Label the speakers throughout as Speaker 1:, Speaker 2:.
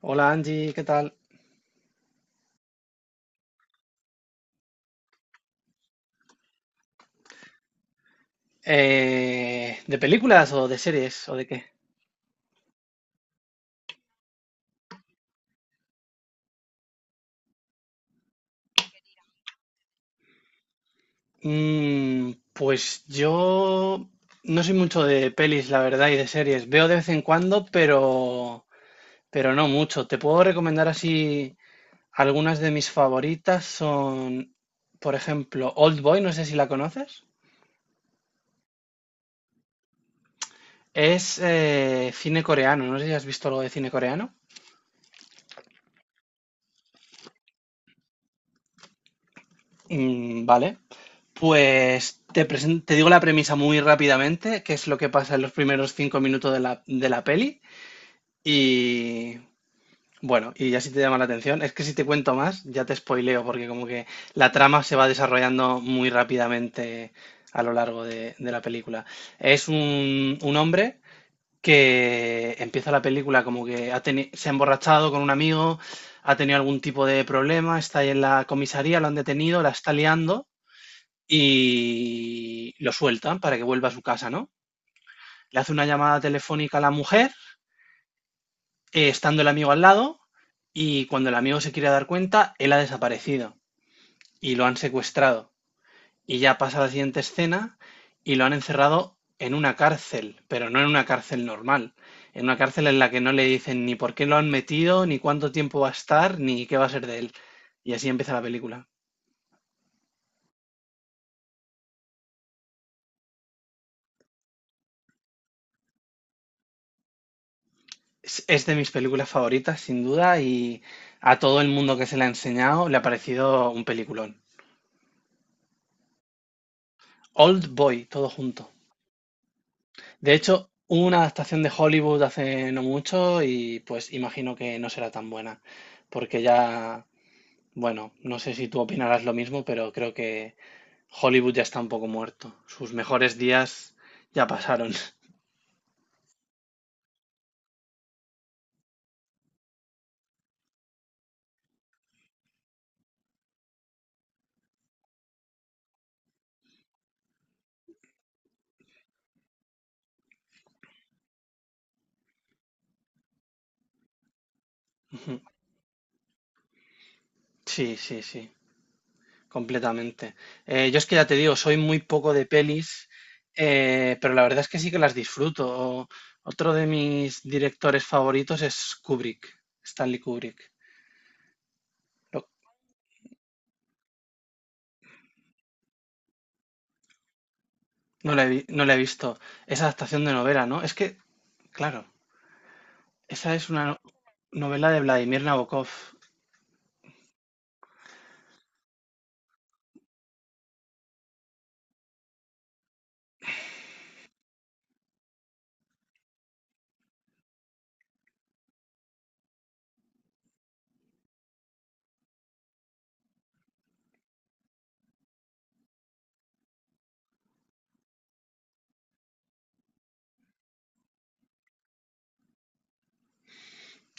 Speaker 1: Hola Angie, ¿qué tal? ¿De películas o de series o de qué? Pues yo no soy mucho de pelis, la verdad, y de series. Veo de vez en cuando, pero no mucho. Te puedo recomendar así algunas de mis favoritas son, por ejemplo, Old Boy, no sé si la conoces. Es cine coreano, no sé si has visto algo de cine coreano. Mm, vale. Pues te digo la premisa muy rápidamente, que es lo que pasa en los primeros 5 minutos de la peli. Y bueno, y ya si te llama la atención, es que si te cuento más, ya te spoileo, porque como que la trama se va desarrollando muy rápidamente a lo largo de la película. Es un hombre que empieza la película como que se ha emborrachado con un amigo, ha tenido algún tipo de problema, está ahí en la comisaría, lo han detenido, la está liando y lo sueltan para que vuelva a su casa, ¿no? Le hace una llamada telefónica a la mujer, estando el amigo al lado, y cuando el amigo se quiere dar cuenta, él ha desaparecido y lo han secuestrado. Y ya pasa la siguiente escena y lo han encerrado en una cárcel, pero no en una cárcel normal, en una cárcel en la que no le dicen ni por qué lo han metido, ni cuánto tiempo va a estar, ni qué va a ser de él. Y así empieza la película. Es de mis películas favoritas, sin duda, y a todo el mundo que se la ha enseñado le ha parecido un peliculón. Old Boy, todo junto. De hecho, hubo una adaptación de Hollywood hace no mucho y pues imagino que no será tan buena, porque ya, bueno, no sé si tú opinarás lo mismo, pero creo que Hollywood ya está un poco muerto. Sus mejores días ya pasaron. Ujú. Sí, sí, sí. Completamente. Yo es que ya te digo, soy muy poco de pelis, pero la verdad es que sí que las disfruto. Otro de mis directores favoritos es Kubrick, Stanley Kubrick. Lo- no no la he visto. Esa adaptación de novela, ¿no? Es que, claro, esa es una novela de Vladimir Nabokov.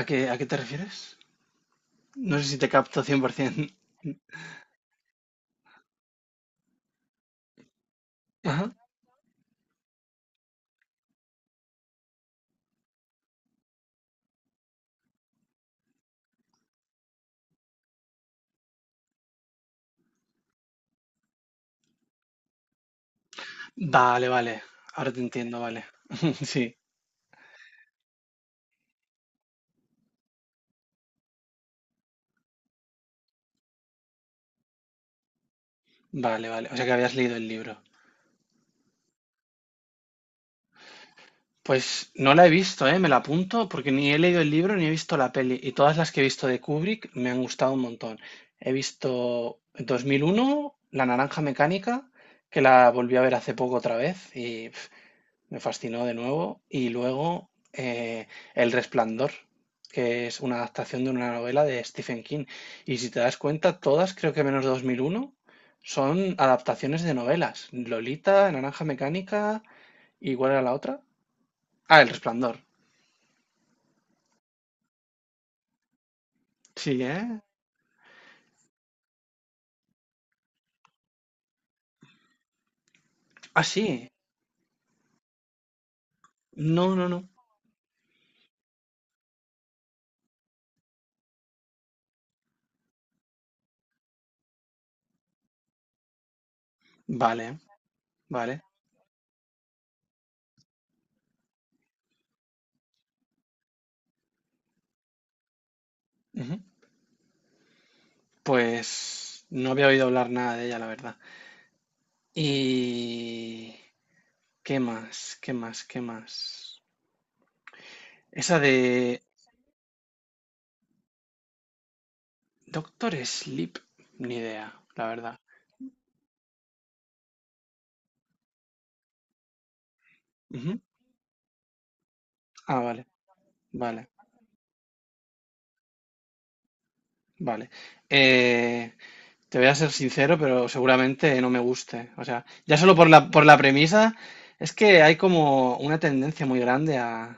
Speaker 1: ¿A qué te refieres? No sé si te capto 100%. Ajá. Vale, vale. Ahora te entiendo, vale. Sí, vale, vale. O sea que habías leído el libro. Pues no la he visto, ¿eh? Me la apunto porque ni he leído el libro ni he visto la peli. Y todas las que he visto de Kubrick me han gustado un montón. He visto 2001, La Naranja Mecánica, que la volví a ver hace poco otra vez y pf, me fascinó de nuevo. Y luego El Resplandor, que es una adaptación de una novela de Stephen King. Y si te das cuenta, todas, creo que menos 2001, son adaptaciones de novelas. Lolita, Naranja Mecánica, ¿y cuál era la otra? Ah, El Resplandor. Sí, ¿eh? Ah, sí. No, no, no. Vale, vale. Ujú. Pues no había oído hablar nada de ella, la verdad. ¿Y qué más? ¿Qué más? ¿Qué más? Esa de Doctor Sleep, ni idea, la verdad. Ujú. Ah, vale, vale, vale. Eh, Te voy a ser sincero, pero seguramente no me guste. O sea, ya solo por la, por, la premisa, es que hay como una tendencia muy grande a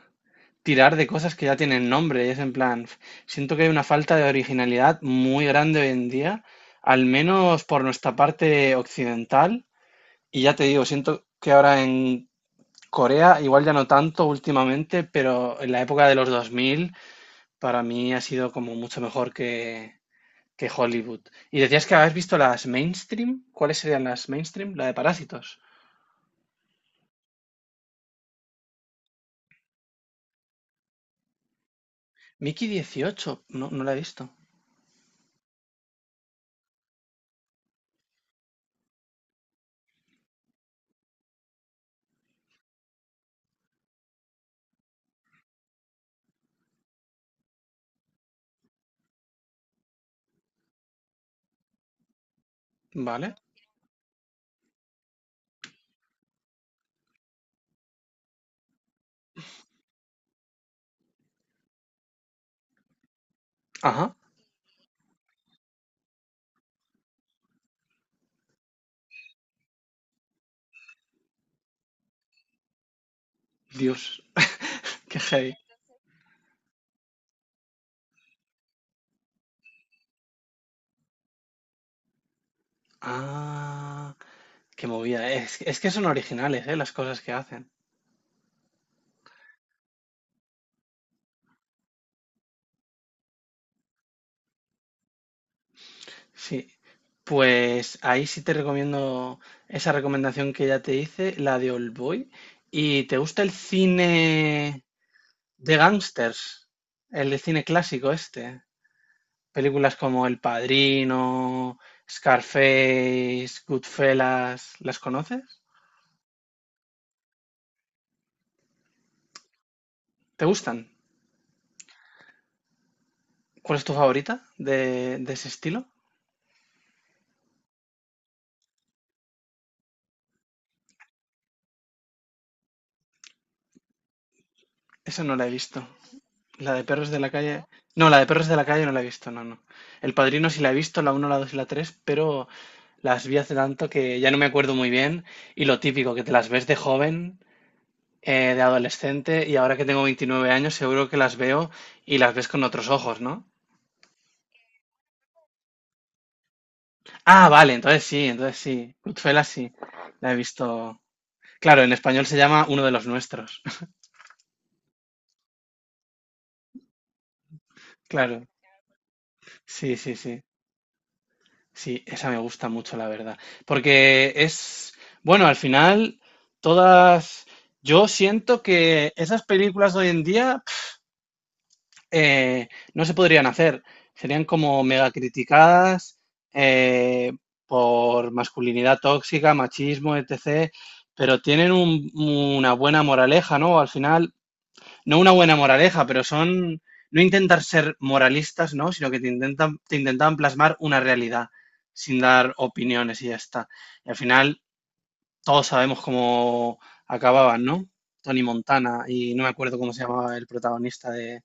Speaker 1: tirar de cosas que ya tienen nombre. Y es en plan, siento que hay una falta de originalidad muy grande hoy en día, al menos por nuestra parte occidental. Y ya te digo, siento que ahora en Corea, igual ya no tanto últimamente, pero en la época de los 2000 para mí ha sido como mucho mejor que Hollywood. Y decías que habías visto las mainstream. ¿Cuáles serían las mainstream? La de Parásitos. Mickey 18. No, no la he visto. ¿Vale? Ajá. Dios, qué heavy. Ah, qué movida. Es que son originales, ¿eh? Las cosas que hacen. Sí. Pues ahí sí te recomiendo esa recomendación que ya te hice, la de Old Boy. ¿Y te gusta el cine de gángsters? El de cine clásico este. Películas como El Padrino, Scarface, Goodfellas, ¿las conoces? ¿Te gustan? ¿Cuál es tu favorita de ese estilo? Esa no la he visto. La de Perros de la Calle. No, la de Perros de la Calle no la he visto, no, no. El Padrino sí la he visto, la uno, la 2 y la 3, pero las vi hace tanto que ya no me acuerdo muy bien. Y lo típico, que te las ves de joven, de adolescente, y ahora que tengo 29 años, seguro que las veo y las ves con otros ojos, ¿no? Ah, vale, entonces sí, entonces sí. Goodfellas sí, la he visto. Claro, en español se llama Uno de los nuestros. Claro, sí, sí, sí. Sí, esa me gusta mucho, la verdad. Porque es, bueno, al final, todas... Yo siento que esas películas de hoy en día eh, no se podrían hacer. Serían como mega criticadas eh, por masculinidad tóxica, machismo, etc. Pero tienen una buena moraleja, ¿no? Al final no una buena moraleja, pero son no intentar ser moralistas, ¿no? Sino que te intentan, te intentaban plasmar una realidad sin dar opiniones y ya está. Y al final todos sabemos cómo acababan, ¿no? Tony Montana y no me acuerdo cómo se llamaba el protagonista de,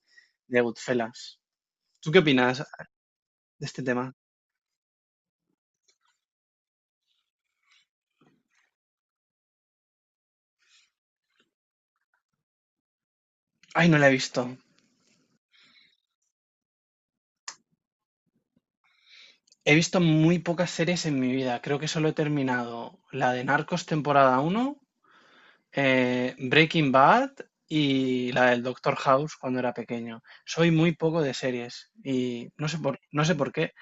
Speaker 1: de Goodfellas. ¿Tú qué opinas de este tema? Ay, no la he visto. He visto muy pocas series en mi vida. Creo que solo he terminado la de Narcos temporada uno Breaking Bad y la del Doctor House cuando era pequeño. Soy muy poco de series y no sé por, qué,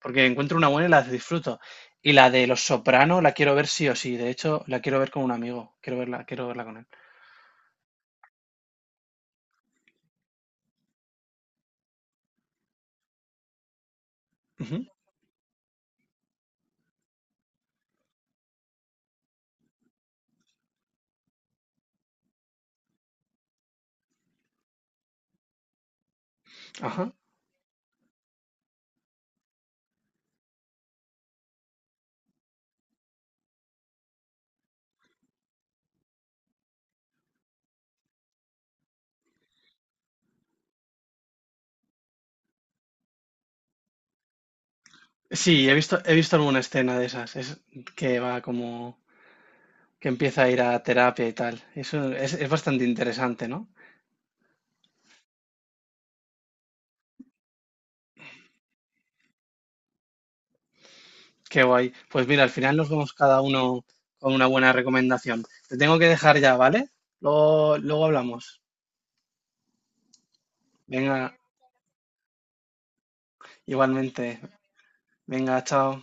Speaker 1: porque encuentro una buena y las disfruto. Y la de Los Soprano la quiero ver sí o sí. De hecho, la quiero ver con un amigo. Quiero verla con él. Ujú. Ajá. Sí, he visto alguna escena de esas. Es que va como que empieza a ir a terapia y tal. Eso es bastante interesante, ¿no? Qué guay. Pues mira, al final nos vamos cada uno con una buena recomendación. Te tengo que dejar ya, ¿vale? Luego, luego hablamos. Venga, igualmente. Venga, chao.